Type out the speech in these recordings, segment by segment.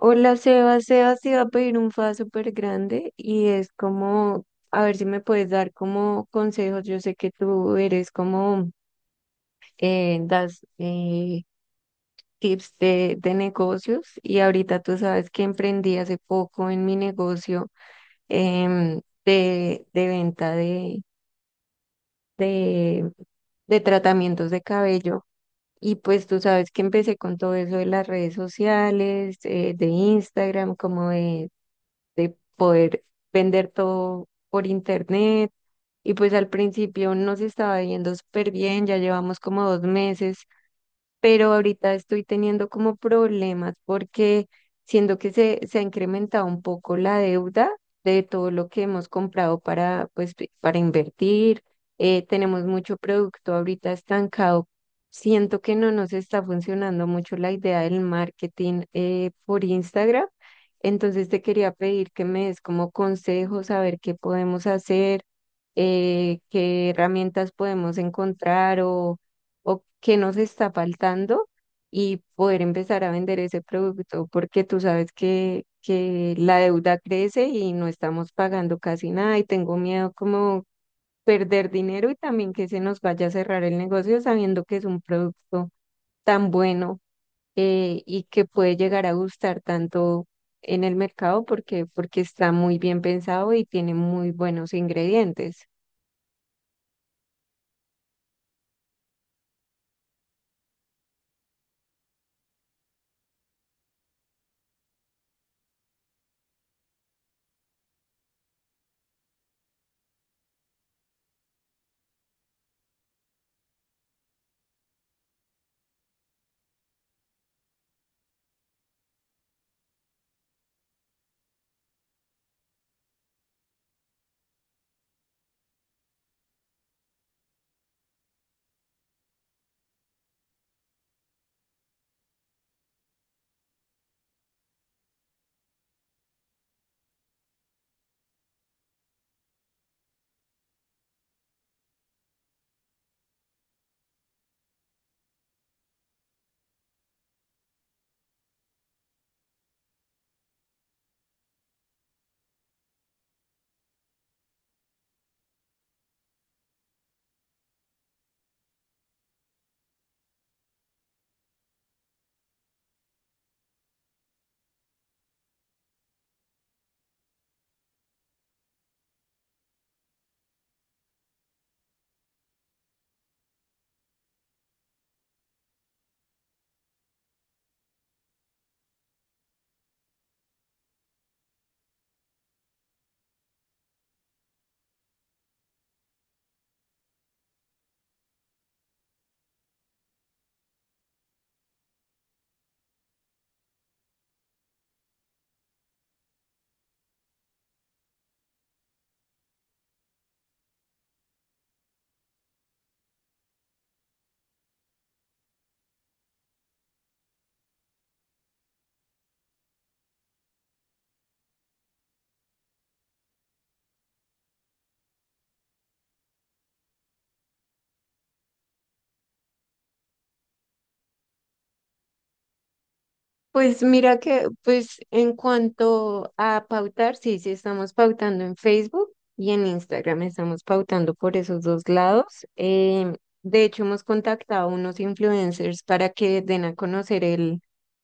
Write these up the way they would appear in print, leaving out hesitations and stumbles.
Hola, Sebas. Sebas te iba a pedir un fa súper grande y es como, a ver si me puedes dar como consejos. Yo sé que tú eres como, das tips de negocios y ahorita tú sabes que emprendí hace poco en mi negocio de venta de, de tratamientos de cabello. Y pues tú sabes que empecé con todo eso de las redes sociales, de Instagram, como de poder vender todo por internet. Y pues al principio nos estaba yendo súper bien, ya llevamos como dos meses, pero ahorita estoy teniendo como problemas porque siento que se ha incrementado un poco la deuda de todo lo que hemos comprado para, pues, para invertir. Tenemos mucho producto ahorita estancado. Siento que no nos está funcionando mucho la idea del marketing por Instagram. Entonces te quería pedir que me des como consejos, a ver qué podemos hacer, qué herramientas podemos encontrar o qué nos está faltando y poder empezar a vender ese producto, porque tú sabes que la deuda crece y no estamos pagando casi nada y tengo miedo como perder dinero y también que se nos vaya a cerrar el negocio sabiendo que es un producto tan bueno, y que puede llegar a gustar tanto en el mercado porque está muy bien pensado y tiene muy buenos ingredientes. Pues mira que, pues en cuanto a pautar, sí, sí estamos pautando en Facebook y en Instagram, estamos pautando por esos dos lados. De hecho, hemos contactado a unos influencers para que den a conocer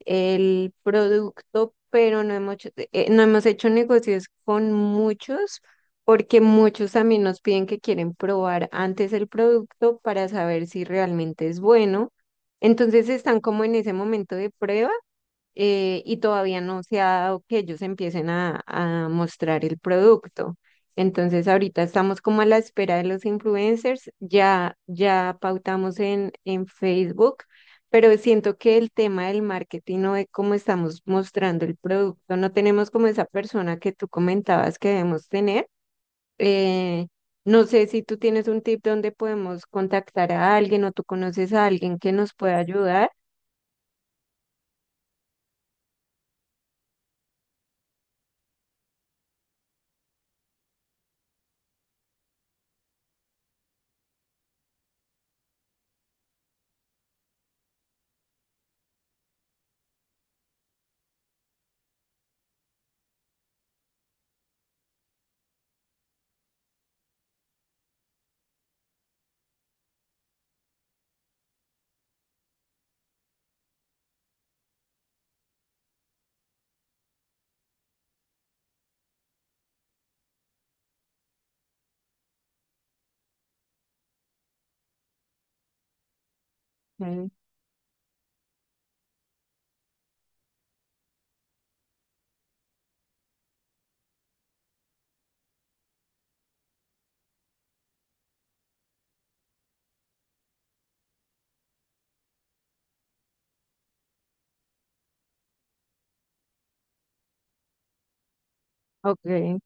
el producto, pero no hemos hecho negocios con muchos porque muchos también nos piden que quieren probar antes el producto para saber si realmente es bueno. Entonces están como en ese momento de prueba, y todavía no se ha dado que ellos empiecen a mostrar el producto. Entonces ahorita estamos como a la espera de los influencers, ya, ya pautamos en Facebook, pero siento que el tema del marketing o de cómo estamos mostrando el producto, no tenemos como esa persona que tú comentabas que debemos tener. Eh, no sé si tú tienes un tip donde podemos contactar a alguien o tú conoces a alguien que nos pueda ayudar. Mm. Ok.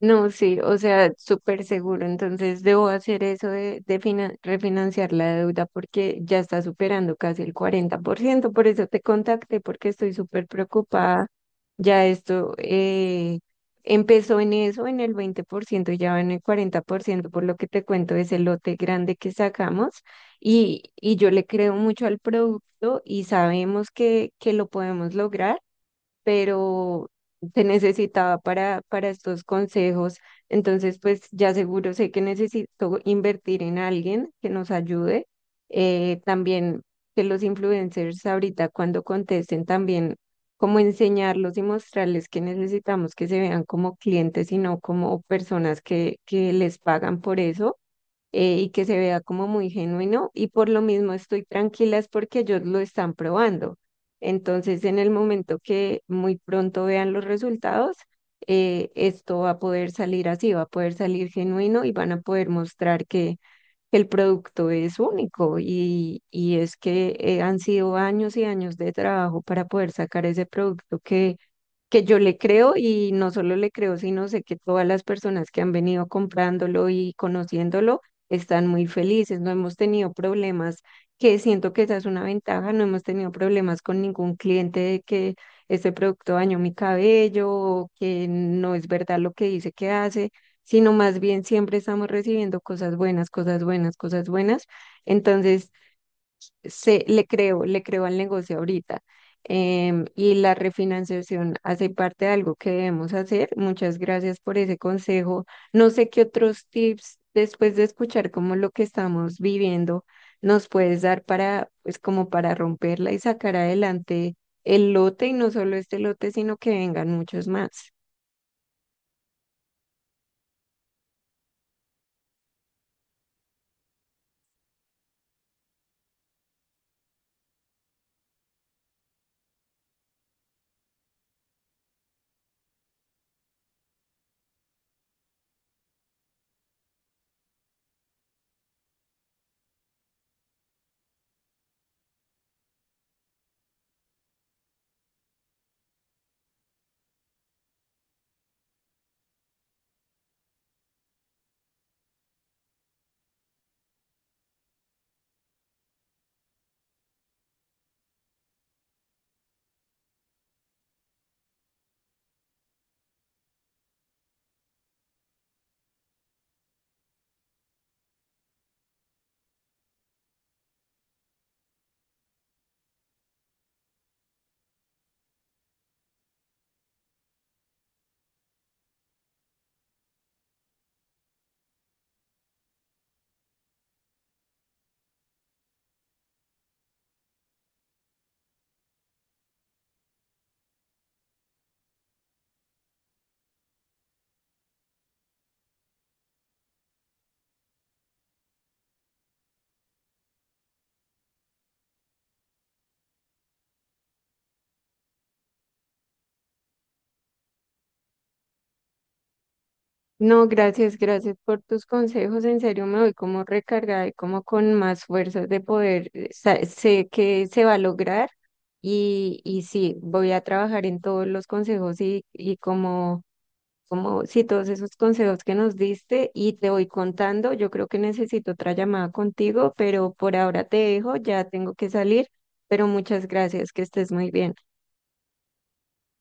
No, sí, o sea, súper seguro. Entonces debo hacer eso de refinanciar la deuda porque ya está superando casi el cuarenta por ciento. Por eso te contacté, porque estoy súper preocupada. Ya esto empezó en eso, en el veinte por ciento y ya va en el 40%, por ciento, por lo que te cuento, es el lote grande que sacamos. Y yo le creo mucho al producto y sabemos que lo podemos lograr, pero te necesitaba para estos consejos. Entonces, pues ya seguro sé que necesito invertir en alguien que nos ayude. También que los influencers ahorita cuando contesten también como enseñarlos y mostrarles que necesitamos que se vean como clientes y no como personas que les pagan por eso, y que se vea como muy genuino y por lo mismo estoy tranquila es porque ellos lo están probando. Entonces, en el momento que muy pronto vean los resultados, esto va a poder salir así, va a poder salir genuino y van a poder mostrar que el producto es único, y es que han sido años y años de trabajo para poder sacar ese producto que yo le creo y no solo le creo, sino sé que todas las personas que han venido comprándolo y conociéndolo están muy felices, no hemos tenido problemas, que siento que esa es una ventaja, no hemos tenido problemas con ningún cliente de que este producto dañó mi cabello o que no es verdad lo que dice que hace, sino más bien siempre estamos recibiendo cosas buenas, cosas buenas, cosas buenas. Entonces, le creo al negocio ahorita. Y la refinanciación hace parte de algo que debemos hacer. Muchas gracias por ese consejo. No sé qué otros tips, después de escuchar como lo que estamos viviendo, nos puedes dar para, pues como para romperla y sacar adelante el lote y no solo este lote, sino que vengan muchos más. No, gracias, gracias por tus consejos. En serio, me voy como recargada y como con más fuerzas de poder. Sé que se va a lograr y sí, voy a trabajar en todos los consejos y como, como, sí, todos esos consejos que nos diste y te voy contando. Yo creo que necesito otra llamada contigo, pero por ahora te dejo, ya tengo que salir, pero muchas gracias, que estés muy bien.